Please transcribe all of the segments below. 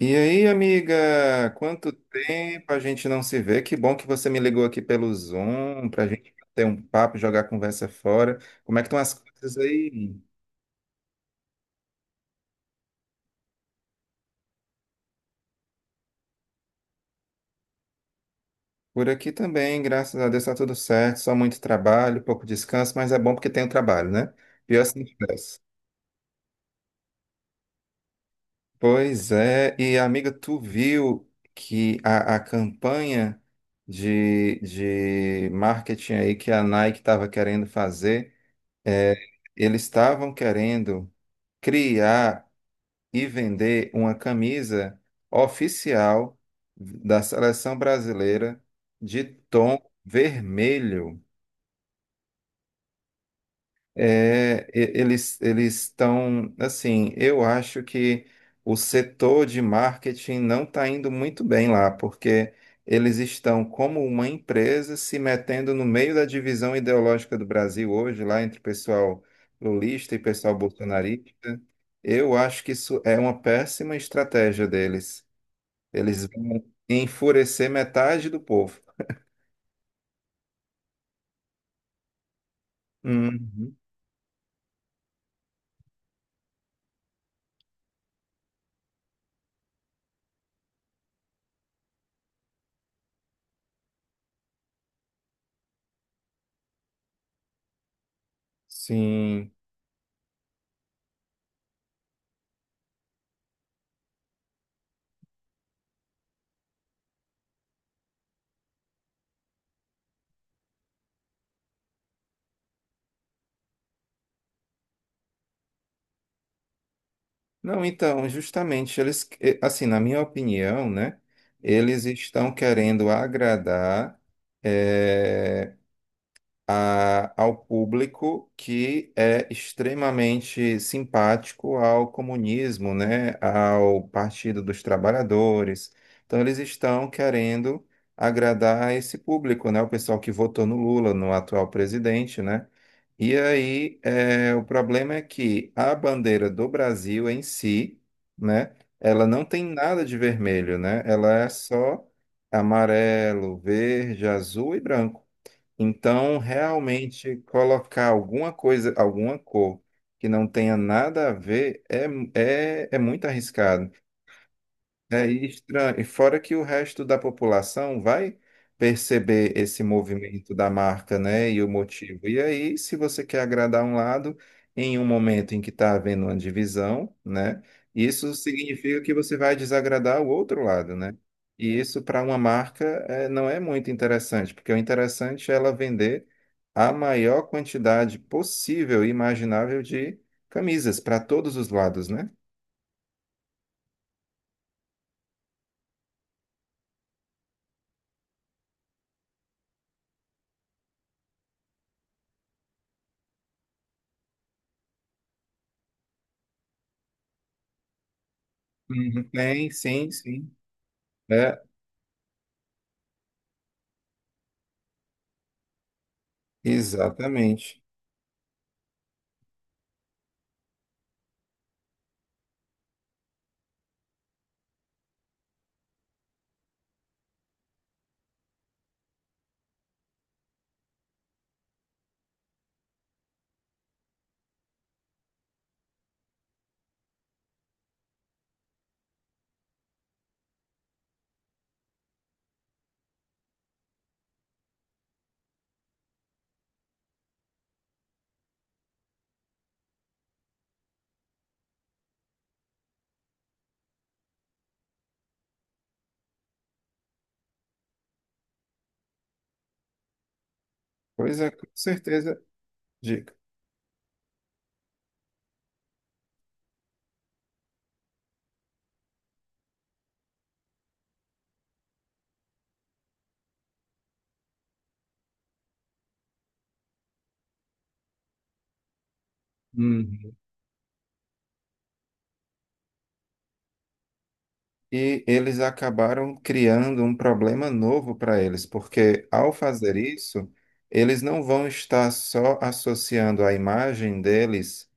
E aí, amiga, quanto tempo a gente não se vê? Que bom que você me ligou aqui pelo Zoom para a gente ter um papo, jogar a conversa fora. Como é que estão as coisas aí? Por aqui também, graças a Deus está tudo certo, só muito trabalho, pouco descanso, mas é bom porque tem o trabalho, né? Pior se não tivesse. Pois é, e amiga, tu viu que a campanha de marketing aí que a Nike estava querendo fazer, é, eles estavam querendo criar e vender uma camisa oficial da seleção brasileira de tom vermelho. Eles estão assim, eu acho que o setor de marketing não está indo muito bem lá, porque eles estão como uma empresa se metendo no meio da divisão ideológica do Brasil hoje, lá entre o pessoal lulista e pessoal bolsonarista. Eu acho que isso é uma péssima estratégia deles. Eles vão enfurecer metade do povo. Uhum. Sim. Não, então, justamente, eles, assim, na minha opinião, né, eles estão querendo agradar eh, ao público que é extremamente simpático ao comunismo, né, ao Partido dos Trabalhadores. Então, eles estão querendo agradar esse público, né, o pessoal que votou no Lula, no atual presidente, né? E aí, é, o problema é que a bandeira do Brasil em si, né, ela não tem nada de vermelho, né? Ela é só amarelo, verde, azul e branco. Então, realmente, colocar alguma coisa, alguma cor que não tenha nada a ver é muito arriscado. É estranho. E fora que o resto da população vai perceber esse movimento da marca, né, e o motivo. E aí, se você quer agradar um lado em um momento em que está havendo uma divisão, né, isso significa que você vai desagradar o outro lado, né? E isso para uma marca não é muito interessante, porque o interessante é ela vender a maior quantidade possível e imaginável de camisas para todos os lados, né? Uhum. Tem, sim, sim. É, exatamente. Pois é, com certeza, dica. Uhum. E eles acabaram criando um problema novo para eles, porque ao fazer isso, eles não vão estar só associando a imagem deles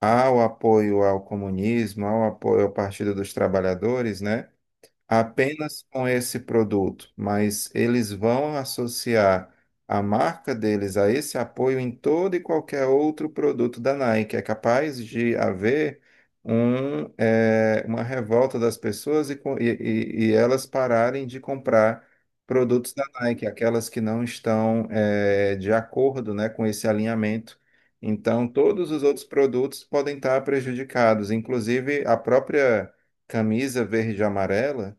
ao apoio ao comunismo, ao apoio ao Partido dos Trabalhadores, né, apenas com esse produto, mas eles vão associar a marca deles a esse apoio em todo e qualquer outro produto da Nike. É capaz de haver uma revolta das pessoas e elas pararem de comprar produtos da Nike, aquelas que não estão, de acordo, né, com esse alinhamento. Então, todos os outros produtos podem estar prejudicados, inclusive a própria camisa verde e amarela,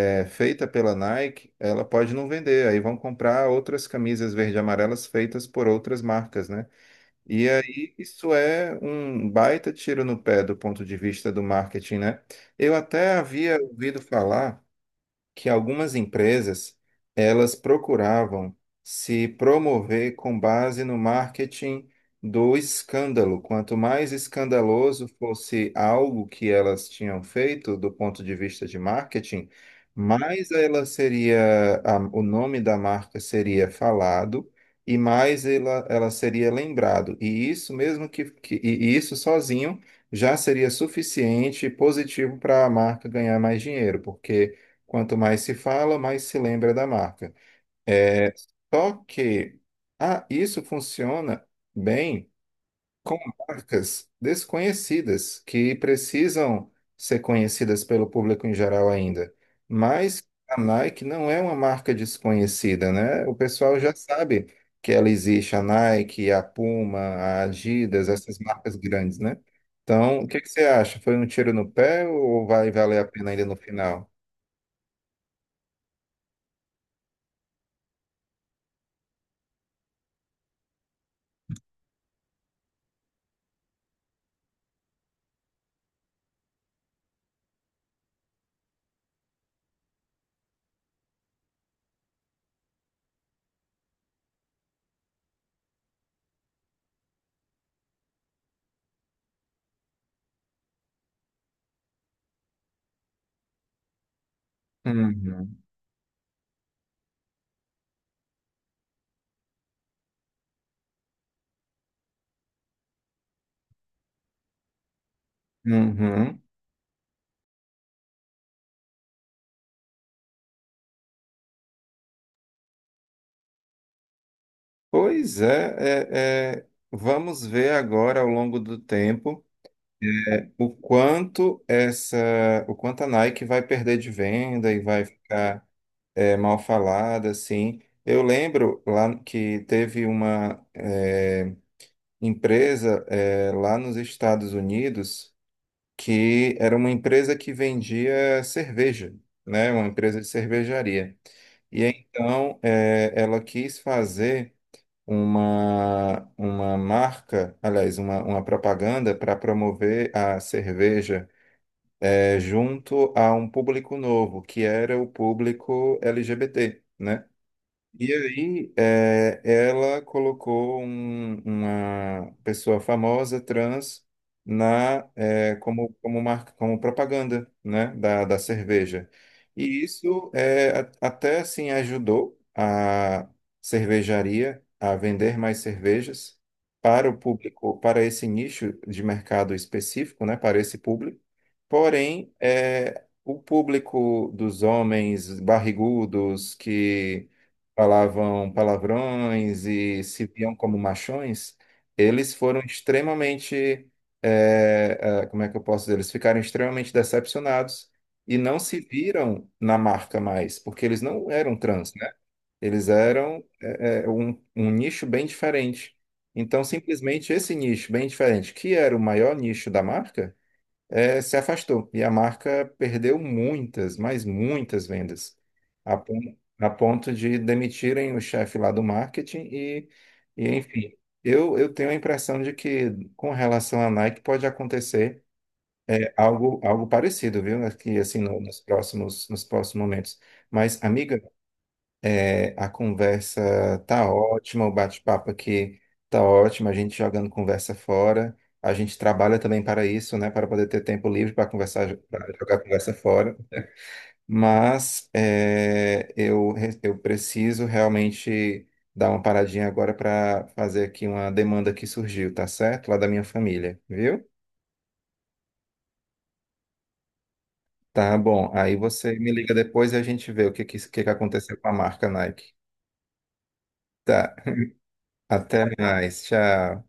é feita pela Nike, ela pode não vender. Aí vão comprar outras camisas verde e amarelas feitas por outras marcas, né? E aí isso é um baita tiro no pé do ponto de vista do marketing, né? Eu até havia ouvido falar que algumas empresas elas procuravam se promover com base no marketing do escândalo. Quanto mais escandaloso fosse algo que elas tinham feito do ponto de vista de marketing, mais ela seria, o nome da marca seria falado e mais ela seria lembrado. E isso mesmo que isso sozinho já seria suficiente e positivo para a marca ganhar mais dinheiro, porque quanto mais se fala, mais se lembra da marca. Só que isso funciona bem com marcas desconhecidas, que precisam ser conhecidas pelo público em geral ainda. Mas a Nike não é uma marca desconhecida, né? O pessoal já sabe que ela existe, a Nike, a Puma, a Adidas, essas marcas grandes, né? Então, o que que você acha? Foi um tiro no pé ou vai valer a pena ainda no final? Uhum. Uhum. Pois é, vamos ver agora ao longo do tempo o quanto essa, o quanto a Nike vai perder de venda e vai ficar mal falada, assim. Eu lembro lá que teve uma empresa lá nos Estados Unidos que era uma empresa que vendia cerveja, né? Uma empresa de cervejaria. E então ela quis fazer uma marca, aliás, uma propaganda para promover a cerveja junto a um público novo, que era o público LGBT, né? E aí, ela colocou uma pessoa famosa trans na como como marca, como propaganda, né, da cerveja. E isso até assim ajudou a cervejaria a vender mais cervejas para o público, para esse nicho de mercado específico, né, para esse público. Porém, o público dos homens barrigudos que falavam palavrões e se viam como machões, eles foram extremamente, eh, como é que eu posso dizer? Eles ficaram extremamente decepcionados e não se viram na marca mais, porque eles não eram trans, né? Eles eram, um nicho bem diferente. Então, simplesmente esse nicho bem diferente, que era o maior nicho da marca, se afastou e a marca perdeu muitas, mas muitas vendas, a ponto de demitirem o chefe lá do marketing e enfim. Eu tenho a impressão de que com relação à Nike pode acontecer algo parecido, viu? Aqui, assim, nos próximos momentos. Mas, amiga, a conversa tá ótima, o bate-papo aqui tá ótimo, a gente jogando conversa fora. A gente trabalha também para isso, né? Para poder ter tempo livre para conversar, para jogar conversa fora. Mas eu preciso realmente dar uma paradinha agora para fazer aqui uma demanda que surgiu, tá certo? Lá da minha família, viu? Tá bom. Aí você me liga depois e a gente vê o que aconteceu com a marca Nike. Tá. Até mais. Tchau.